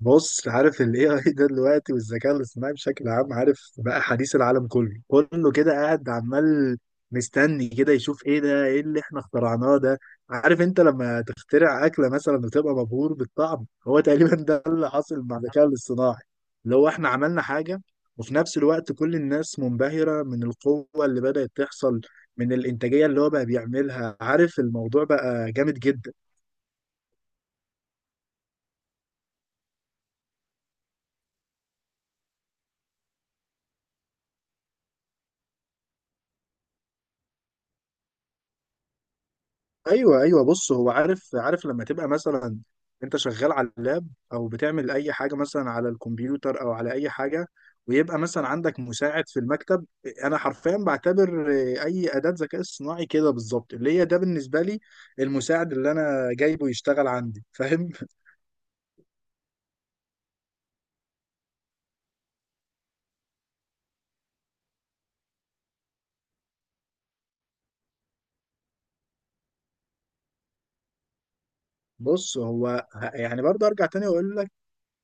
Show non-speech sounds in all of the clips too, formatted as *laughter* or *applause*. بص، عارف ال AI ده دلوقتي والذكاء الاصطناعي بشكل عام، عارف بقى حديث العالم كله كله كده قاعد عمال مستني كده يشوف ايه ده، ايه اللي احنا اخترعناه ده. عارف انت لما تخترع اكلة مثلا وتبقى مبهور بالطعم، هو تقريبا ده اللي حاصل مع الذكاء الاصطناعي، اللي هو احنا عملنا حاجة. وفي نفس الوقت كل الناس منبهرة من القوة اللي بدأت تحصل، من الإنتاجية اللي هو بقى بيعملها. عارف الموضوع بقى جامد جدا. ايوه، ايوه، بص هو عارف لما تبقى مثلا انت شغال على اللاب، او بتعمل اي حاجه مثلا على الكمبيوتر او على اي حاجه، ويبقى مثلا عندك مساعد في المكتب. انا حرفيا بعتبر اي اداه ذكاء اصطناعي كده بالظبط، اللي هي ده بالنسبه لي المساعد اللي انا جايبه يشتغل عندي *laughs* فاهم. بص هو يعني برضه ارجع تاني واقول لك،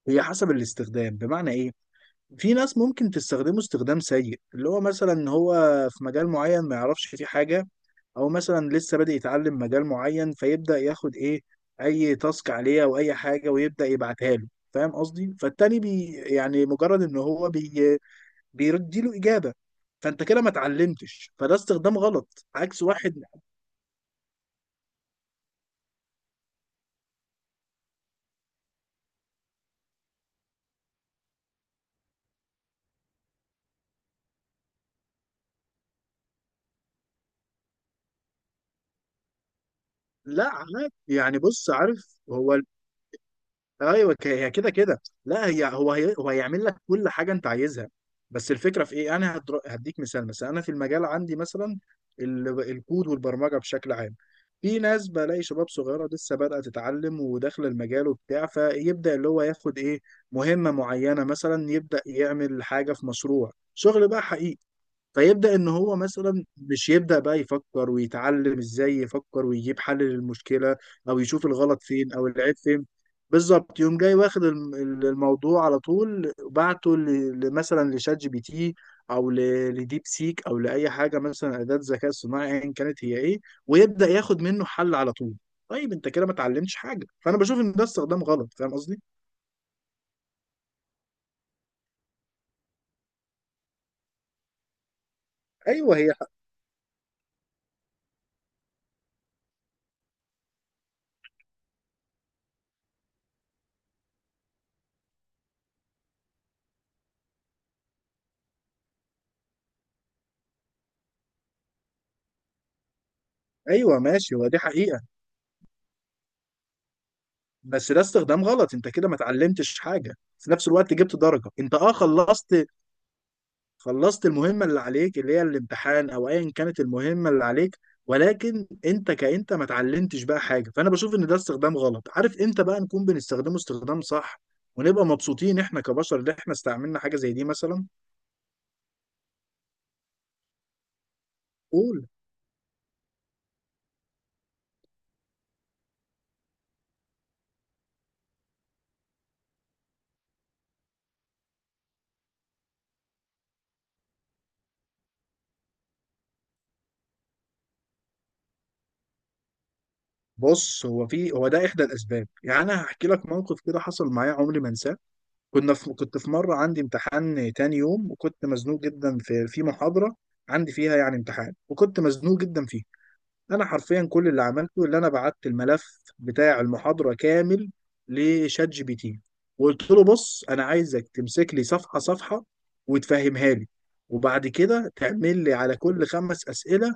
هي حسب الاستخدام. بمعنى ايه؟ في ناس ممكن تستخدمه استخدام سيء، اللي هو مثلا هو في مجال معين ما يعرفش فيه حاجه، او مثلا لسه بادئ يتعلم مجال معين، فيبدا ياخد ايه؟ اي تاسك عليه او اي حاجه ويبدا يبعتها له. فاهم قصدي؟ فالتاني بي، يعني مجرد ان هو بي بيردي له اجابه، فانت كده ما اتعلمتش، فده استخدام غلط. عكس واحد لا عادي. يعني بص، عارف هو، ايوه، هي كده كده، لا هي هو هي هو هيعمل لك كل حاجه انت عايزها. بس الفكره في ايه؟ انا هديك مثال. مثلا انا في المجال عندي مثلا الكود والبرمجه بشكل عام، في ناس، بلاقي شباب صغيره لسه بادئه تتعلم وداخله المجال وبتاع، فيبدا اللي هو ياخد ايه؟ مهمه معينه، مثلا يبدا يعمل حاجه في مشروع شغل بقى حقيقي، فيبدأ إن هو مثلا مش يبدأ بقى يفكر ويتعلم إزاي يفكر ويجيب حل للمشكلة، أو يشوف الغلط فين أو العيب فين. بالظبط، يوم جاي واخد الموضوع على طول، بعته مثلا لشات جي بي تي، أو لديب سيك، أو لأي حاجة مثلا، أداة ذكاء صناعي أيا كانت هي إيه، ويبدأ ياخد منه حل على طول. طيب انت كده ما اتعلمتش حاجه، فانا بشوف ان ده استخدام غلط. فاهم قصدي؟ ايوه هي. ايوه ماشي، هو دي حقيقه. بس ده استخدام غلط، انت كده ما اتعلمتش حاجه، في نفس الوقت جبت درجه، انت اه خلصت. خلصت المهمه اللي عليك، اللي هي الامتحان او ايا كانت المهمه اللي عليك، ولكن انت كانت ما اتعلمتش بقى حاجه. فانا بشوف ان ده استخدام غلط. عارف امتى بقى نكون بنستخدمه استخدام صح ونبقى مبسوطين احنا كبشر ان احنا استعملنا حاجه زي دي مثلا؟ قول. بص هو في، هو ده احدى الاسباب. يعني انا هحكي لك موقف كده حصل معايا عمري ما انساه. كنا في كنت في مرة عندي امتحان تاني يوم، وكنت مزنوق جدا في محاضرة عندي فيها يعني امتحان، وكنت مزنوق جدا فيه. أنا حرفيا كل اللي عملته، اللي أنا بعت الملف بتاع المحاضرة كامل لشات جي بي تي، وقلت له بص أنا عايزك تمسك لي صفحة صفحة وتفهمها لي، وبعد كده تعمل لي على كل خمس أسئلة،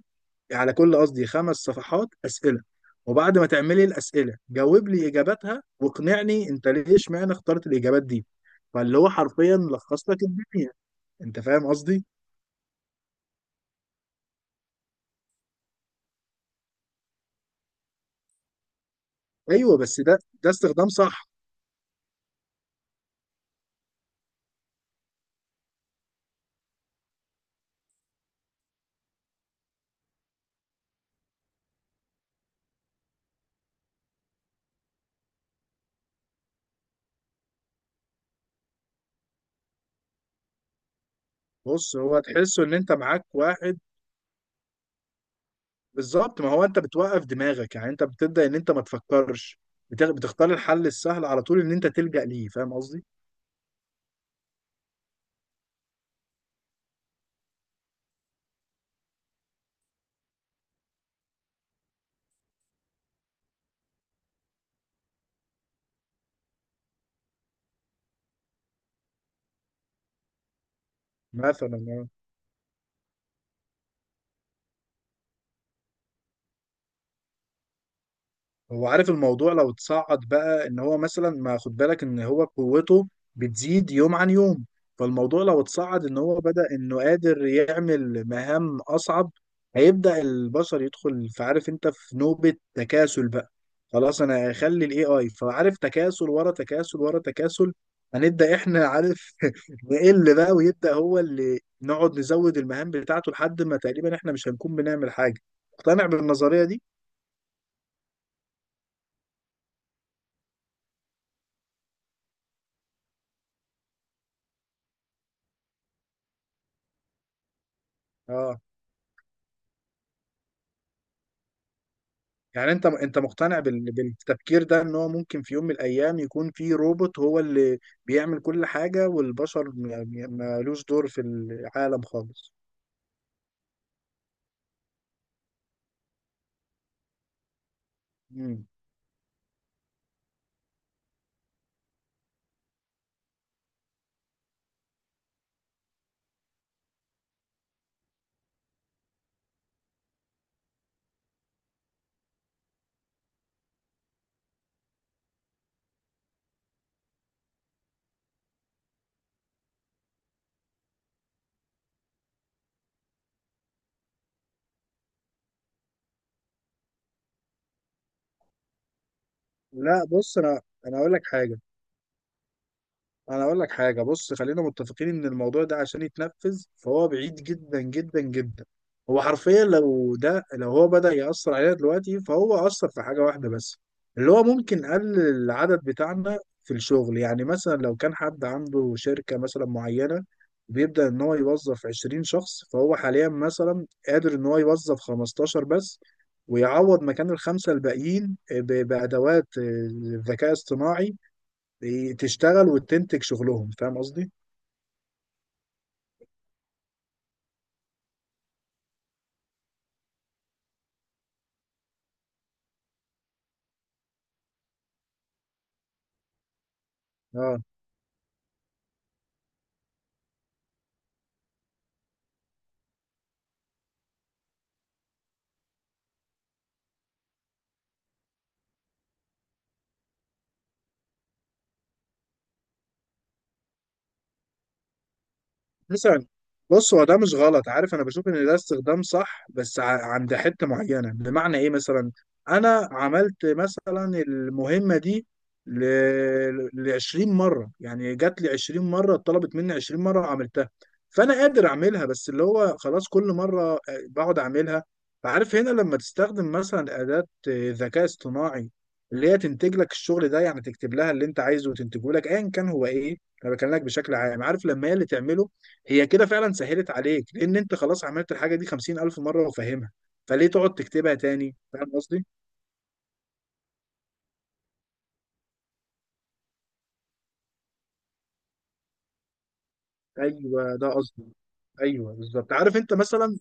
على كل قصدي خمس صفحات اسئله، وبعد ما تعملي الاسئله جاوب لي اجاباتها، واقنعني انت ليه اشمعنى اخترت الاجابات دي. فاللي هو حرفيا لخص لك الدنيا. انت فاهم قصدي؟ ايوه بس ده استخدام صح. بص هو تحسه ان انت معاك واحد بالظبط. ما هو انت بتوقف دماغك، يعني انت بتبدا ان انت ما تفكرش، بتختار الحل السهل على طول ان انت تلجأ ليه. فاهم قصدي؟ مثلا يعني. هو عارف، الموضوع لو اتصعد بقى ان هو مثلا، ما خد بالك ان هو قوته بتزيد يوم عن يوم، فالموضوع لو اتصعد ان هو بدأ انه قادر يعمل مهام اصعب، هيبدأ البشر يدخل في، عارف انت، في نوبة تكاسل بقى. خلاص انا هخلي الاي اي، فعارف تكاسل ورا تكاسل ورا تكاسل، هنبدأ احنا عارف *laughs* نقل بقى، ويبدأ هو اللي نقعد نزود المهام بتاعته لحد ما تقريبا احنا مش هنكون بنعمل حاجة. مقتنع بالنظرية دي؟ اه. يعني انت مقتنع بالتفكير ده ان هو ممكن في يوم من الايام يكون في روبوت هو اللي بيعمل كل حاجة، والبشر مالوش دور في العالم خالص؟ مم. لا بص انا، انا اقول لك حاجة. انا اقول لك حاجه، بص خلينا متفقين ان الموضوع ده عشان يتنفذ فهو بعيد جدا جدا جدا. هو حرفيا لو ده، لو هو بدأ يأثر علينا دلوقتي، فهو أثر في حاجه واحده بس، اللي هو ممكن قلل العدد بتاعنا في الشغل. يعني مثلا لو كان حد عنده شركه مثلا معينه بيبدأ ان هو يوظف 20 شخص، فهو حاليا مثلا قادر ان هو يوظف 15 بس، ويعوض مكان الخمسه الباقيين بأدوات ذكاء اصطناعي تشتغل وتنتج شغلهم. فاهم قصدي؟ اه مثلا. بص هو ده مش غلط، عارف انا بشوف ان ده استخدام صح بس عند حته معينه. بمعنى ايه؟ مثلا انا عملت مثلا المهمه دي ل ل 20 مره، يعني جات لي 20 مره، اتطلبت مني 20 مره وعملتها، فانا قادر اعملها. بس اللي هو خلاص كل مره بقعد اعملها. فعارف هنا لما تستخدم مثلا اداه ذكاء اصطناعي اللي هي تنتج لك الشغل ده، يعني تكتب لها اللي انت عايزه وتنتجه لك، ايا كان هو ايه، انا بكلمك بشكل عام. عارف لما هي اللي تعمله، هي كده فعلا سهلت عليك، لان انت خلاص عملت الحاجه دي 50,000 مره وفاهمها، فليه تقعد تكتبها تاني؟ فاهم قصدي؟ ايوه ده قصدي. ايوه بالظبط، عارف انت مثلا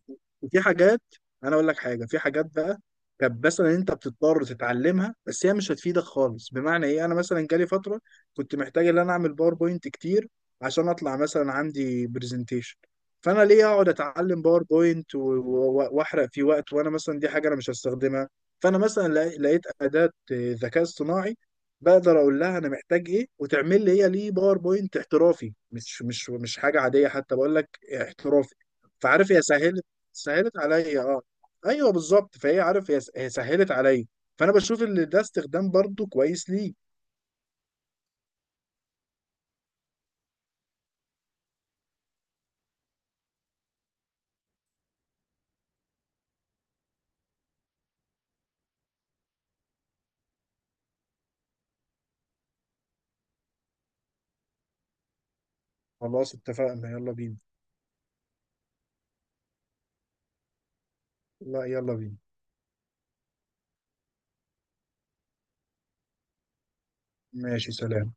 في حاجات، انا اقول لك حاجه، في حاجات بقى كانت مثلا انت بتضطر تتعلمها بس هي مش هتفيدك خالص. بمعنى ايه؟ انا مثلا جالي فتره كنت محتاج ان انا اعمل باوربوينت كتير عشان اطلع مثلا عندي برزنتيشن، فانا ليه اقعد اتعلم باوربوينت واحرق في وقت وانا مثلا دي حاجه انا مش هستخدمها؟ فانا مثلا لقيت اداه ذكاء اصطناعي بقدر اقول لها انا محتاج ايه وتعمل لي هي ليه باوربوينت احترافي، مش مش مش حاجه عاديه، حتى بقول لك احترافي. فعارف هي سهلت سهلت عليا اه. ايوه بالظبط، فهي عارف هي هي سهلت عليا، فانا بشوف ان ده استخدام برضو كويس ليه. خلاص اتفقنا، يلا بينا. لا يلا بينا. ماشي سلام.